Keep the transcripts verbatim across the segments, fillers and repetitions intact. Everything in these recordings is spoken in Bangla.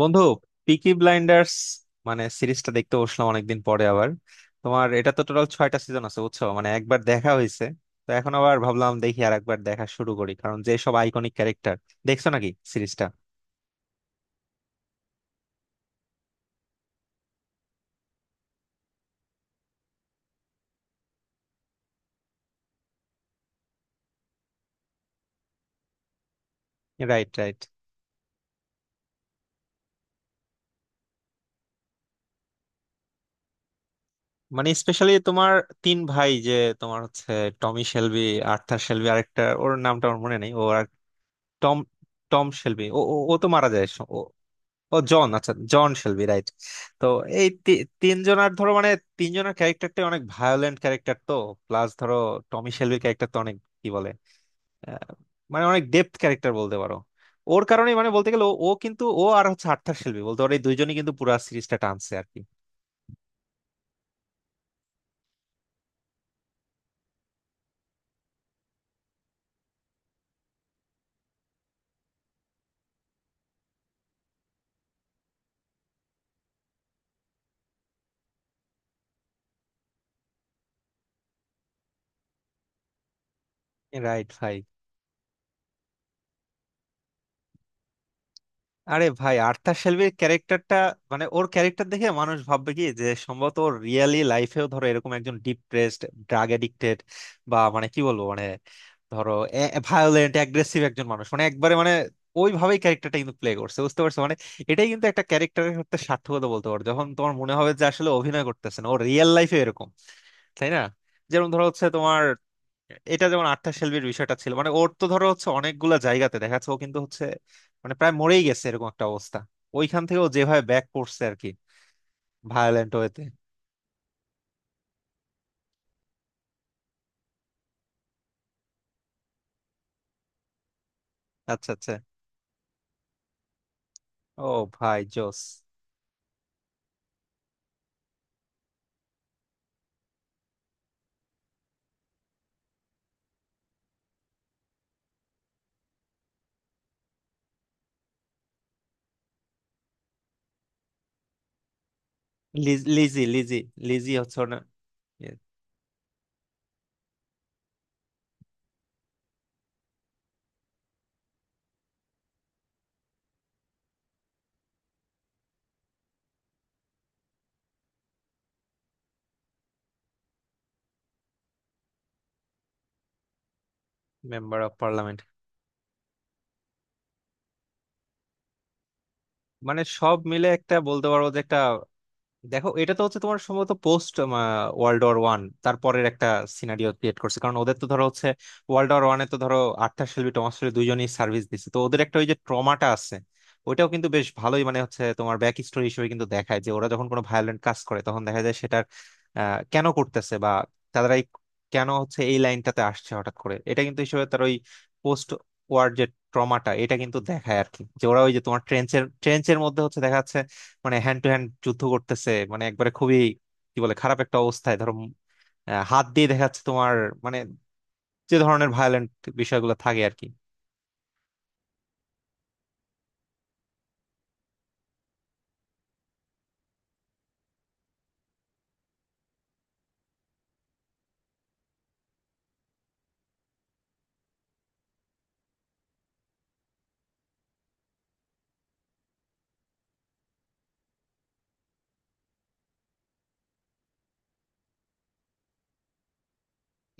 বন্ধু, পিকি ব্লাইন্ডার্স, মানে সিরিজটা দেখতে বসলাম অনেকদিন পরে আবার। তোমার এটা তো টোটাল ছয়টা সিজন আছে, বুঝছো, মানে একবার দেখা হয়েছে। তো এখন আবার ভাবলাম দেখি আর একবার দেখা শুরু করি, কারণ যে সব আইকনিক ক্যারেক্টার। দেখছো নাকি সিরিজটা? Right, right. মানে স্পেশালি তোমার তিন ভাই, যে, তোমার হচ্ছে টমি শেলবি, আর্থার শেলবি, আরেকটা ওর নামটা আমার মনে নেই, ও আর টম টম শেলবি, ও ও ও তো মারা যায়। ও জন, আচ্ছা, জন শেলবি, রাইট। তো এই তি- তিনজনার, ধরো, মানে তিনজনের ক্যারেক্টারটাই অনেক ভায়োলেন্ট ক্যারেক্টার, তো প্লাস ধরো টমি শেলবির ক্যারেক্টার তো অনেক, কি বলে, আহ, মানে অনেক ডেপথ ক্যারেক্টার বলতে পারো। ওর কারণেই মানে বলতে গেলে, ও ও কিন্তু ও আর হচ্ছে আর্থার শেলবি, বলতে পারো এই দুইজনই কিন্তু পুরো সিরিজটা টানছে আর কি। রাইট ভাই। আরে ভাই, আর্থার শেলবির ক্যারেক্টারটা মানে ওর ক্যারেক্টার দেখে মানুষ ভাববে কি, যে সম্ভবত ওর রিয়েলি লাইফেও ধরো এরকম একজন ডিপ্রেসড, ড্রাগ এডিক্টেড, বা মানে কি বলবো, মানে ধরো ভায়োলেন্ট অ্যাগ্রেসিভ একজন মানুষ, মানে একবারে মানে ওইভাবেই ক্যারেক্টারটা কিন্তু প্লে করছে, বুঝতে পারছো মানে। এটাই কিন্তু একটা ক্যারেক্টারের সাথে সার্থকতা বলতে পারো, যখন তোমার মনে হবে যে আসলে অভিনয় করতেছে না, ও রিয়েল লাইফে এরকম, তাই না? যেমন ধরো হচ্ছে তোমার, এটা যেমন আর্থার শেলবির বিষয়টা ছিল, মানে ওর তো ধরো হচ্ছে অনেকগুলা জায়গাতে দেখা যাচ্ছে ও কিন্তু হচ্ছে, মানে প্রায় মরেই গেছে এরকম একটা অবস্থা, ওইখান থেকে ও যেভাবে ব্যাক করছে আর কি, ভায়োলেন্ট ওয়েতে। আচ্ছা, আচ্ছা। ও ভাই, জোস। লিজ- লিজি লিজি লিজি হচ্ছে। Member of parliament. মানে সব মিলে একটা বলতে পারবো যে একটা। দেখো, এটা তো হচ্ছে তোমার সম্ভবত পোস্ট ওয়ার্ল্ড ওয়ার ওয়ান তারপরের একটা সিনারিও ক্রিয়েট করছে, কারণ ওদের তো ধরো হচ্ছে ওয়ার্ল্ড ওয়ার ওয়ানে তো ধরো আর্থার শেলবি, টমাস শেলবি দুইজনই সার্ভিস দিছে, তো ওদের একটা ওই যে ট্রমাটা আছে। ওইটাও কিন্তু বেশ ভালোই, মানে হচ্ছে তোমার ব্যাক স্টোরি হিসেবে কিন্তু দেখায় যে ওরা যখন কোনো ভায়োলেন্ট কাজ করে তখন দেখা যায় সেটার আহ, কেন করতেছে বা তারা এই কেন হচ্ছে এই লাইনটাতে আসছে হঠাৎ করে, এটা কিন্তু হিসেবে তার ওই পোস্ট ওয়ার যে ট্রমাটা এটা কিন্তু দেখায় আর কি, যে ওরা ওই যে তোমার ট্রেঞ্চের ট্রেঞ্চের মধ্যে হচ্ছে দেখা যাচ্ছে মানে হ্যান্ড টু হ্যান্ড যুদ্ধ করতেছে, মানে একবারে খুবই, কি বলে, খারাপ একটা অবস্থায় ধরো আহ, হাত দিয়ে দেখা যাচ্ছে তোমার, মানে যে ধরনের ভায়োলেন্ট বিষয়গুলো থাকে আর কি।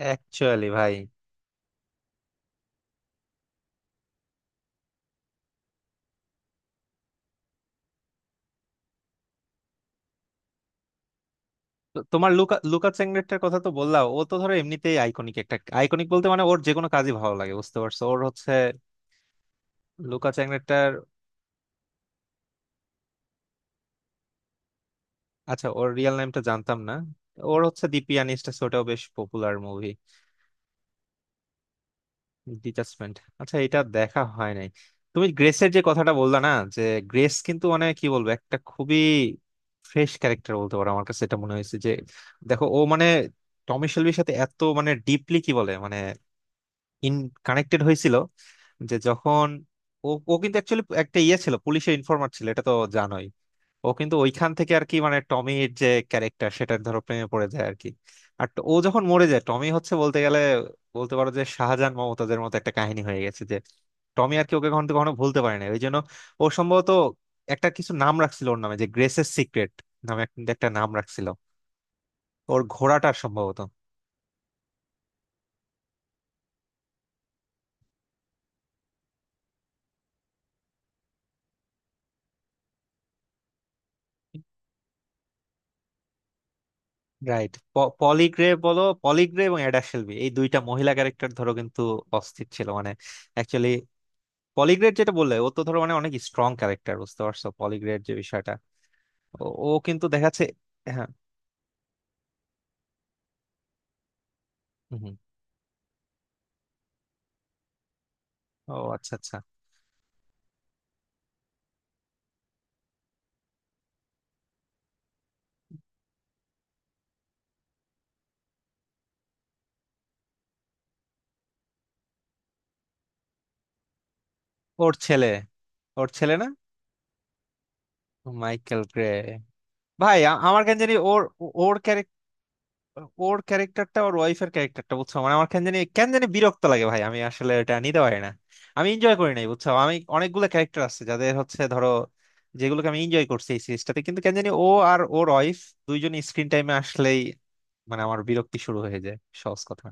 অ্যাকচুয়ালি ভাই। তো তোমার লুকা লুকা চেঙ্গলেটটার কথা তো বললাম, ও তো ধরো এমনিতেই আইকনিক, একটা আইকনিক বলতে মানে ওর যে কোনো কাজই ভালো লাগে, বুঝতে পারছো ওর হচ্ছে লুকা চেঙ্গলেটটার। আচ্ছা, ওর রিয়েল নেমটা জানতাম না। ওর হচ্ছে দি পিয়ানিস্ট আছে, ওটাও বেশ পপুলার মুভি। ডিটাচমেন্ট। আচ্ছা, এটা দেখা হয় নাই। তুমি গ্রেসের যে কথাটা বললা না, যে গ্রেস কিন্তু, মানে কি বলবো, একটা খুবই ফ্রেশ ক্যারেক্টার বলতে পারো, আমার কাছে এটা মনে হয়েছে যে, দেখো ও মানে টমি শেলবির সাথে এত মানে ডিপলি, কি বলে মানে ইন কানেক্টেড হয়েছিল, যে যখন ও ও কিন্তু অ্যাকচুয়ালি একটা ইয়ে ছিল, পুলিশের ইনফরমার ছিল এটা তো জানোই। ও কিন্তু ওইখান থেকে আর কি, মানে টমির যে ক্যারেক্টার সেটার ধরো প্রেমে পড়ে যায় আর কি। আর ট- ও যখন মরে যায়, টমি হচ্ছে বলতে গেলে, বলতে পারো যে শাহজাহান মমতাজের মতো একটা কাহিনী হয়ে গেছে, যে টমি আর কি ওকে কখনো কখনো ভুলতে পারে না ওই জন্য। ও সম্ভবত একটা কিছু নাম রাখছিল ওর নামে, যে গ্রেসের সিক্রেট নামে এক- একটা নাম রাখছিল, ওর ঘোড়াটার সম্ভবত। রাইট। পলিগ্রে বলো, পলিগ্রে এবং অ্যাডা শেলবি এই দুইটা মহিলা ক্যারেক্টার ধরো কিন্তু অস্থির ছিল, মানে অ্যাকচুয়ালি পলিগ্রেড যেটা বললে, ও তো ধরো মানে অনেক স্ট্রং ক্যারেক্টার, বুঝতে পারছো পলিগ্রেড যে বিষয়টা ও ও কিন্তু দেখাচ্ছে। হ্যাঁ। হুম, হুম। ও আচ্ছা, আচ্ছা। ওর ছেলে, ওর ছেলে না? Michael Grey. ভাই, আ- আমার কেন জানি ওর, ওর ওর ক্যারেক্টারটা, ওর ওয়াইফের ক্যারেক্টারটা বুঝছো, মানে আমার কেন জানি কেন জানি বিরক্ত লাগে ভাই, আমি আসলে এটা নিতে পারি না। আমি এনজয় করি নাই বুঝছো, আমি অনেকগুলো ক্যারেক্টার আছে যাদের হচ্ছে ধরো যেগুলোকে আমি এনজয় করছি এই সিরিজটাতে, কিন্তু কেন জানি ও আর ওর ওয়াইফ দুইজন স্ক্রিন টাইমে আসলেই মানে আমার বিরক্তি শুরু হয়ে যায়, সহজ কথা।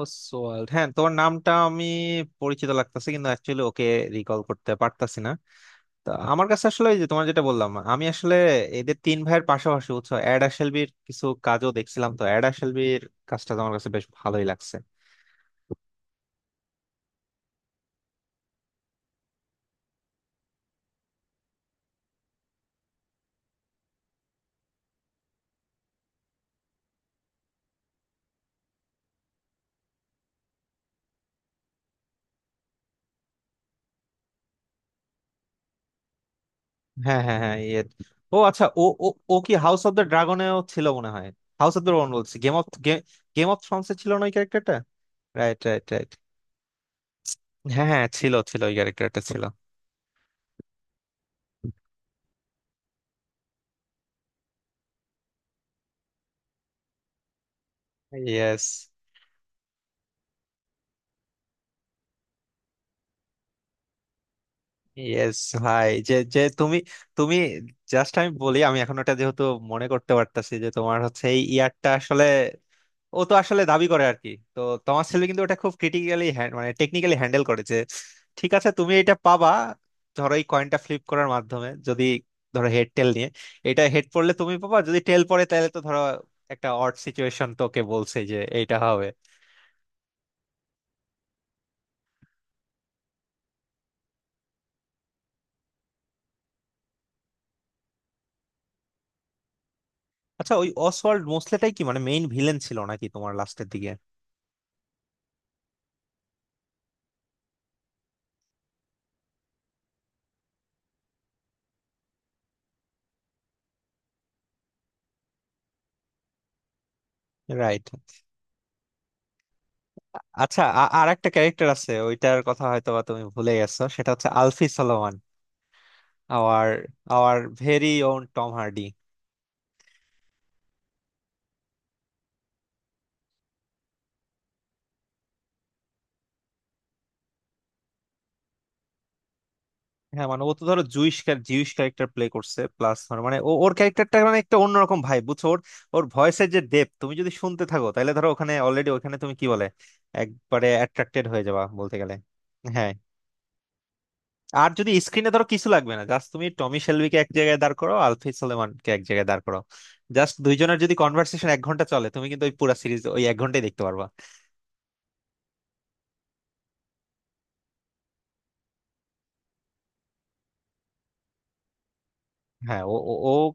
ওসওয়াল্ড, হ্যাঁ, তোমার, নামটা আমি পরিচিত লাগতেছে কিন্তু অ্যাকচুয়ালি ওকে রিকল করতে পারতাছি না। তা আমার কাছে আসলে ওই যে তোমার যেটা বললাম, আমি আসলে এদের তিন ভাইয়ের পাশাপাশি বুঝছো অ্যাড আশেলবির কিছু কাজও দেখছিলাম, তো অ্যাড আশেলবির কাজটা তো আমার কাছে বেশ ভালোই লাগছে। হ্যাঁ, হ্যাঁ, হ্যাঁ, ইয়ে। ও আচ্ছা, ও ও ও কি হাউস অফ দ্য ড্রাগনেও ছিল মনে হয়? হাউস অফ দ্য ড্রাগন বলছি, game of game of thrones এ ছিল না ওই ক্যারেক্টারটা? Right, right, right. হ্যাঁ, হ্যাঁ, ছিল, ছিল, ওই ক্যারেক্টারটা ছিল। Yes, yes. ভাই, যে যে তুমি তুমি জাস্ট, আমি বলি, আমি এখন ওটা যেহেতু মনে করতে পারতাছি, যে তোমার হচ্ছে এই ইয়ারটা আসলে, ও তো আসলে দাবি করে আর কি, তো তোমার ছেলে কিন্তু ওটা খুব ক্রিটিক্যালি, মানে টেকনিক্যালি হ্যান্ডেল করেছে। ঠিক আছে, তুমি এটা পাবা, ধরো এই কয়েনটা ফ্লিপ করার মাধ্যমে, যদি ধরো হেড টেল নিয়ে এটা হেড পড়লে তুমি পাবা, যদি টেল পড়ে তাহলে তো ধরো একটা অড সিচুয়েশন, তোকে বলছে যে এইটা হবে। আচ্ছা, ওই অসওয়াল্ড মোসলেটাই কি মানে মেইন ভিলেন ছিল নাকি তোমার লাস্টের দিকে? রাইট। আচ্ছা, আর একটা ক্যারেক্টার আছে ওইটার কথা হয়তো বা তুমি ভুলে গেছো, সেটা হচ্ছে Alfie Solomon, our our very own Tom Hardy. হ্যাঁ, মানে ও তো ধরো জুইশ, জিউস ক্যারেক্টার প্লে করছে, প্লাস মানে ও ওর ক্যারেক্টারটা মানে একটা অন্যরকম ভাই, বুঝছো ওর, ওর ভয়েসের যে ডেপথ তুমি যদি শুনতে থাকো তাহলে ধরো ওখানে অলরেডি, ওখানে তুমি, কি বলে, একবারে অ্যাট্রাক্টেড হয়ে যাবা বলতে গেলে। হ্যাঁ। আর যদি স্ক্রিনে ধরো কিছু লাগবে না, জাস্ট তুমি টমি শেলবিকে এক জায়গায় দাঁড় করো, আলফি সলেমানকে এক জায়গায় দাঁড় করো, জাস্ট দুইজনের যদি কনভার্সেশন এক ঘন্টা চলে, তুমি কিন্তু ওই পুরো সিরিজ ওই এক ঘন্টায় দেখতে পারবা। হ্যাঁ। ও ও ও-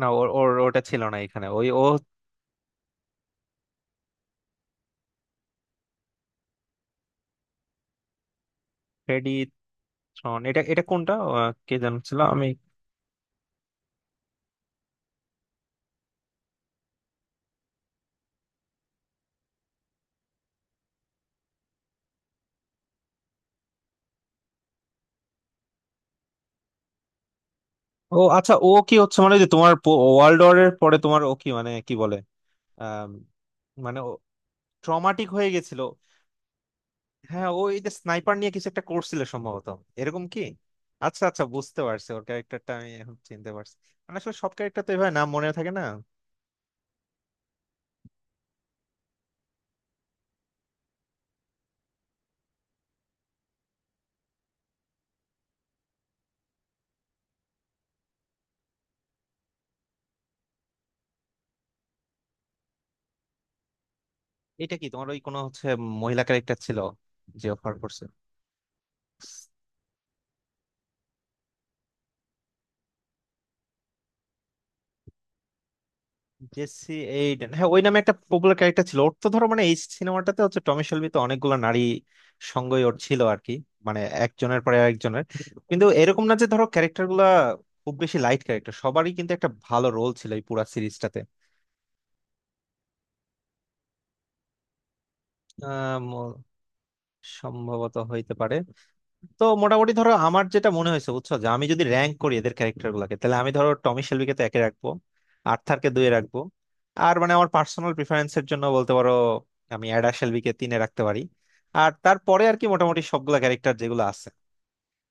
না, ওর ওর- ওটা ছিল না এখানে ওই ও। ফ্রেডি থ্রন, এটা এটা কোনটা? আহ, কে জানছিল আমি। ও আচ্ছা, ও কি হচ্ছে মানে ওই যে তোমার ওয়ার্ল্ড ওয়ার এর পরে তোমার ও কি, মানে কি বলে, আম, মানে ও ট্রমাটিক হয়ে গেছিল। হ্যাঁ, ও এই যে স্নাইপার নিয়ে কিছু একটা করছিল সম্ভবত, এরকম কি? আচ্ছা, আচ্ছা, বুঝতে পারছি, ওর ক্যারেক্টারটা আমি এখন চিনতে পারছি। মানে আসলে সব ক্যারেক্টার তো এভাবে নাম মনে থাকে না। এটা কি তোমার ওই কোনো হচ্ছে মহিলা ক্যারেক্টার ছিল যে অফার করছে? জেসি এইডেন, হ্যাঁ, ওই নামে একটা পপুলার ক্যারেক্টার ছিল। ওর তো ধরো মানে এই সিনেমাটাতে হচ্ছে টমি তো অনেকগুলো নারী সঙ্গই ওর ছিল আর কি, মানে একজনের পরে একজনের। কিন্তু এরকম না যে ধরো ক্যারেক্টার গুলা খুব বেশি লাইট ক্যারেক্টার, সবারই কিন্তু একটা ভালো রোল ছিল এই পুরা সিরিজটাতে। আহ, ম- সম্ভবত হইতে পারে। তো মোটামুটি ধরো আমার যেটা মনে হয়েছে বুঝছো, যে আমি যদি র্যাঙ্ক করি এদের ক্যারেক্টার গুলাকে, তাহলে আমি ধরো টমি শেলবিকে তো একে রাখবো, আর্থারকে দুয়ে রাখবো। আর মানে আমার পার্সোনাল প্রিফারেন্সের জন্য বলতে পারো আমি অ্যাডা শেলবিকে তিনে রাখতে পারি। আর তারপরে আর কি মোটামুটি সবগুলা ক্যারেক্টার যেগুলো আছে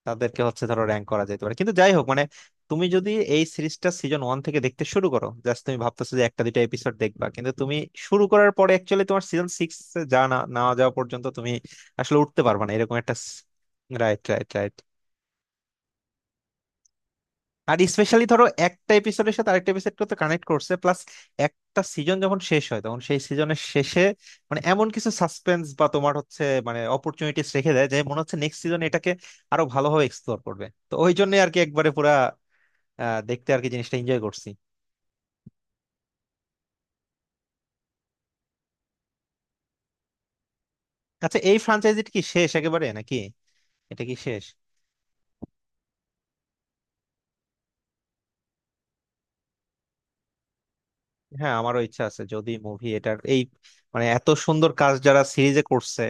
তাদেরকে হচ্ছে ধরো র্যাঙ্ক করা যেতে পারে, কিন্তু যাই হোক মানে, তুমি যদি এই সিরিজটা সিজন ওয়ান থেকে দেখতে শুরু করো, জাস্ট তুমি ভাবতেছো যে একটা দুইটা এপিসোড দেখবা, কিন্তু তুমি শুরু করার পরে অ্যাকচুয়ালি তোমার সিজন সিক্স যা না, না যাওয়া পর্যন্ত তুমি আসলে উঠতে পারবে না এরকম একটা। Right, right, right. আর স্পেশালি ধরো একটা এপিসোডের সাথে আরেকটা এপিসোডকে তো কানেক্ট করছে, প্লাস একটা সিজন যখন শেষ হয় তখন সেই সিজনের শেষে মানে এমন কিছু সাসপেন্স বা তোমার হচ্ছে মানে অপরচুনিটিস রেখে দেয় যে মনে হচ্ছে নেক্সট সিজন এটাকে আরো ভালোভাবে এক্সপ্লোর করবে, তো ওই জন্য আর কি একবারে পুরা আহ দেখতে আর কি জিনিসটা এনজয় করছি। আচ্ছা, এই ফ্রাঞ্চাইজিটা কি শেষ একেবারে নাকি? এটা কি শেষ? হ্যাঁ, আমারও ইচ্ছা আছে যদি মুভি এটার এই, মানে এত সুন্দর কাজ যারা সিরিজে করছে।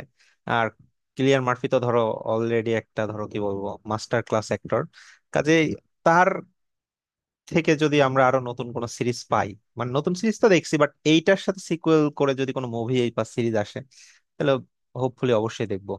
আর ক্লিয়ার মার্ফি তো ধরো অলরেডি একটা, ধরো কি বলবো, মাস্টার ক্লাস অ্যাক্টর, কাজে তার থেকে যদি আমরা আরো নতুন কোনো সিরিজ পাই, মানে নতুন সিরিজ তো দেখছি, বাট এইটার সাথে সিকুয়েল করে যদি কোনো মুভি বা সিরিজ আসে, তাহলে হোপফুলি অবশ্যই দেখবো।